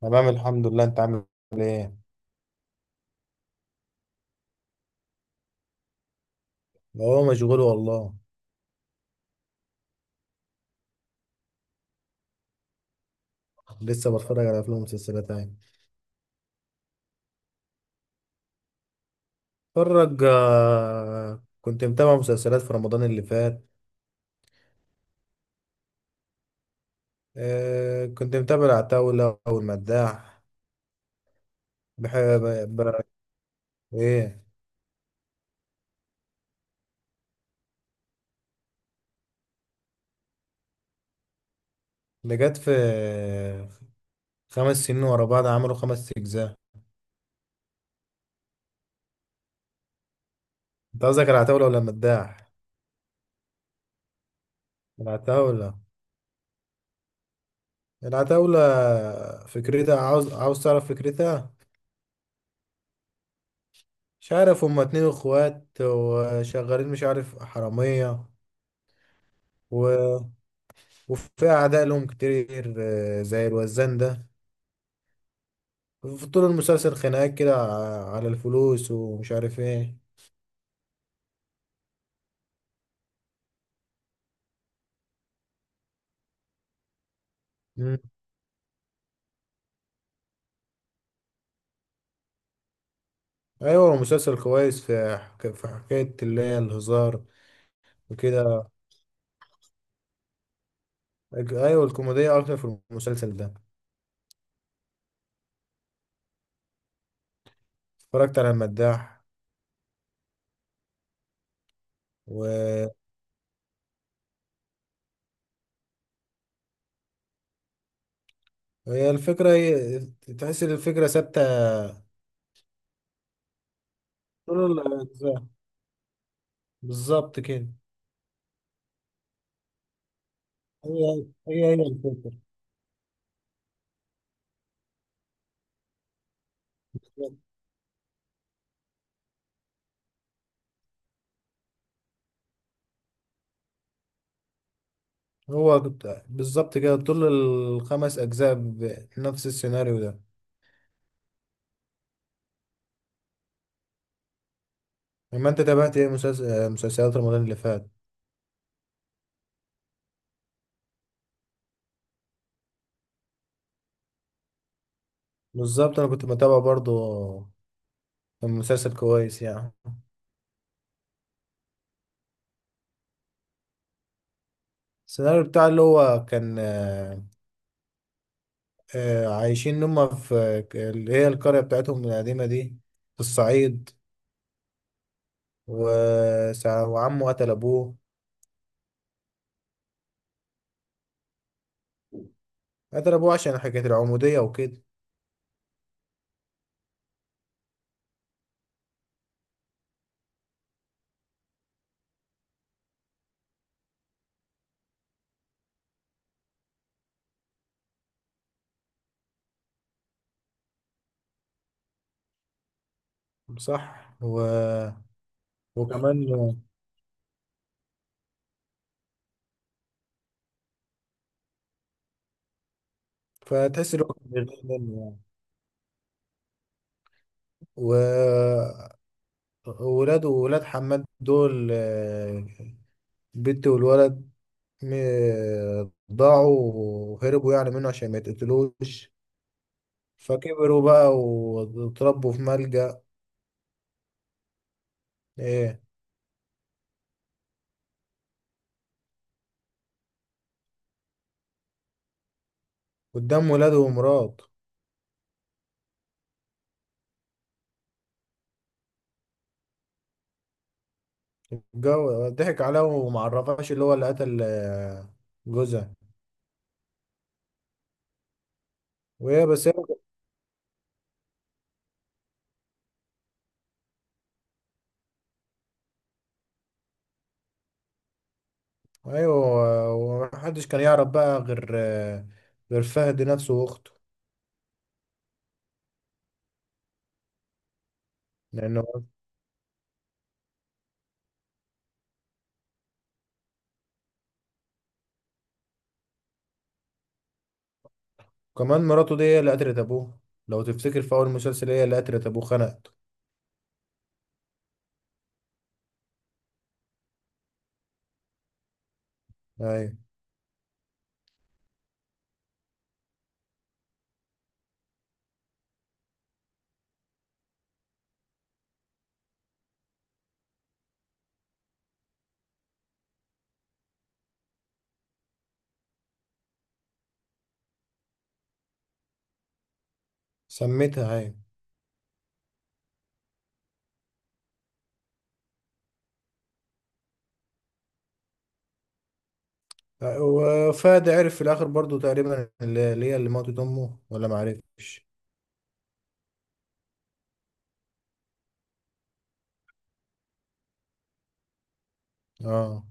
تمام، الحمد لله. انت عامل ايه؟ هو مشغول والله. لسه بتفرج على افلام ومسلسلات يعني. بتفرج كنت متابع مسلسلات في رمضان اللي فات. كنت متابع العتاولة والمداح. بحب. ب... ايه؟ ده جت في 5 سنين ورا بعض. عملوا 5 اجزاء. انت قصدك العتاولة ولا المداح؟ العتاولة. العتاولة. فكرتها. عاوز عاوز تعرف فكرتها؟ مش عارف. هما اتنين اخوات وشغالين، مش عارف، حرامية. و... وفي أعداء لهم كتير، زي الوزان ده. في طول المسلسل خناقات كده على الفلوس ومش عارف ايه. مم. أيوة، مسلسل كويس. في حكاية اللي هي الهزار وكده. أيوة، الكوميديا أكتر في المسلسل ده. اتفرجت على المداح. و- وهي الفكرة. تحس إن الفكرة ثابتة طول الأجزاء. بالظبط كده. هي الفكرة. هو بالظبط كده طول الخمس أجزاء بنفس السيناريو ده. لما انت تابعت ايه، مسلسل، مسلسلات رمضان اللي فات؟ بالظبط، انا كنت بتابع برضو. مسلسل كويس يعني. السيناريو بتاع اللي هو كان، عايشين هم في اللي هي القرية بتاعتهم القديمة دي في الصعيد. وعمه قتل ابوه. قتل ابوه عشان حكاية العمودية وكده. صح. وكمان فتحس ان هو كان بيغير منه يعني. و- وولاده وولاد حماد دول، البنت والولد، ضاعوا وهربوا يعني منه عشان ما يتقتلوش. فكبروا بقى واتربوا في ملجأ. ايه. قدام ولاده ومراته. الجو ضحك عليه وما عرفهاش اللي هو اللي قتل جوزها. وايه بس. ايوه، ومحدش كان يعرف بقى غير غير فهد نفسه واخته. لانه كمان مراته دي هي اللي قتلت ابوه. لو تفتكر في اول مسلسل، هي اللي قتلت ابوه، خنقته. ايوه. سميتها، ايوه. وفهد عرف في الاخر برضو تقريبا اللي هي اللي ماتت امه، ولا ما عرفش. اه.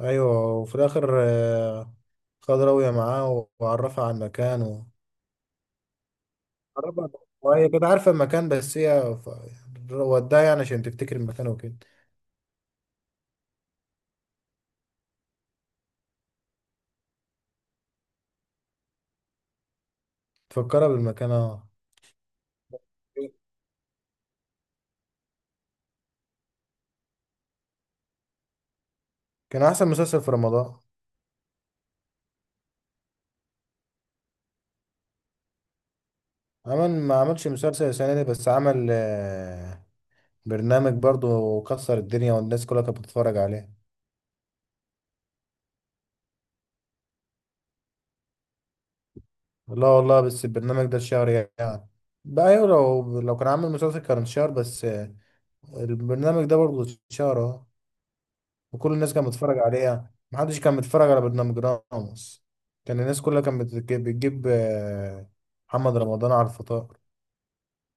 ايوه، وفي الاخر خد راوية معاه وعرفها على المكان عرفها. وهي كانت عارفة المكان، بس هي يعني وداها يعني عشان تفتكر المكان وكده. تفكرها بالمكان، اه. كان احسن مسلسل في رمضان. عمل، ما عملش مسلسل السنة دي بس عمل برنامج برضو، وكسر الدنيا والناس كلها كانت بتتفرج عليه. لا والله، بس البرنامج ده الشهر يعني. بقى أيوة، لو كان عامل مسلسل كان شهر، بس البرنامج ده برضه شهر اهو. وكل الناس كانت بتتفرج عليه يعني. محدش كان بيتفرج على برنامج راموس. كان الناس كلها كانت بتجيب محمد رمضان على الفطار.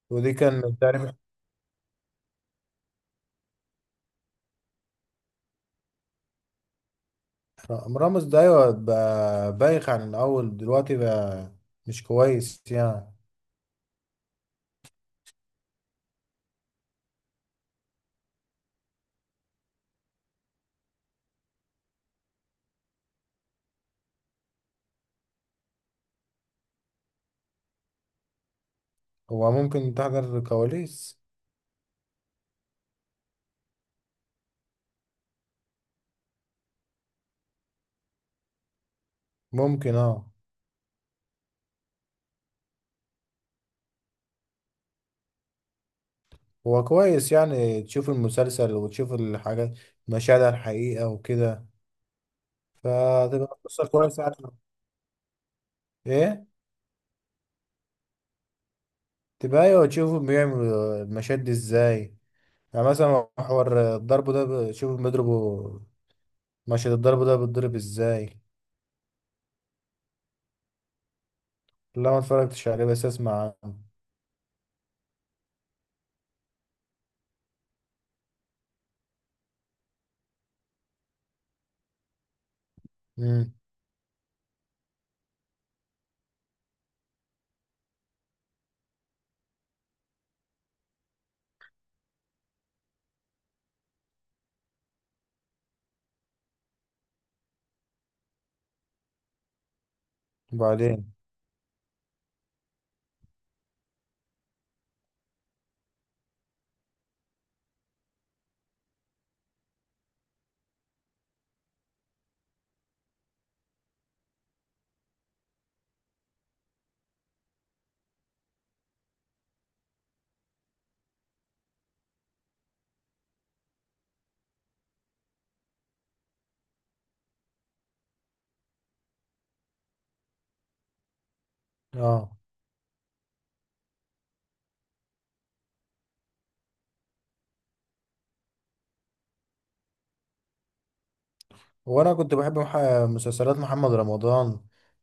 ودي كان تعرف. راموس ده أيوة، بقى بايخ عن الأول دلوقتي بقى. مش كويس يعني. هو ممكن تحضر الكواليس. ممكن، اه. هو كويس يعني تشوف المسلسل وتشوف الحاجات، مشاهد على الحقيقة وكده. فتبقى قصة كويسة يعني. ايه. تبقى ايوه، تشوفوا بيعملوا المشاهد دي ازاي. يعني مثلا محور الضرب ده شوف بيضربوا مشهد الضرب ده بيتضرب ازاي. لا، ما اتفرجتش عليه، بس اسمع عنه. امم. وبعدين، اه. هو انا كنت بحب مسلسلات محمد رمضان.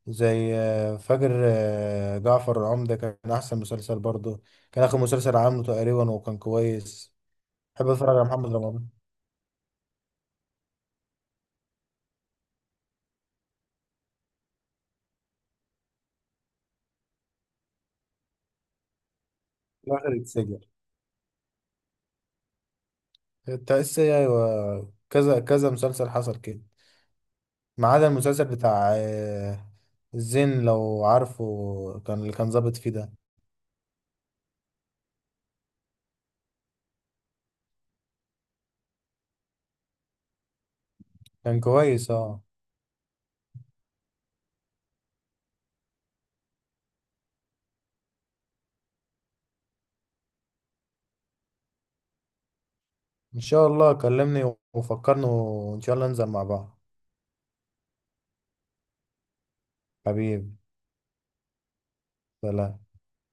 زي فجر. جعفر العمدة كان احسن مسلسل برضه. كان اخر مسلسل عامله تقريبا وكان كويس. بحب اتفرج على محمد رمضان. في الاخر اتسجن. التأسي، ايوه، كذا كذا مسلسل حصل كده. ما عدا المسلسل بتاع الزين لو عارفه، كان اللي كان ظابط فيه ده. كان كويس، اه. ان شاء الله كلمني وفكرني وان شاء الله ننزل مع بعض. حبيبي. سلام.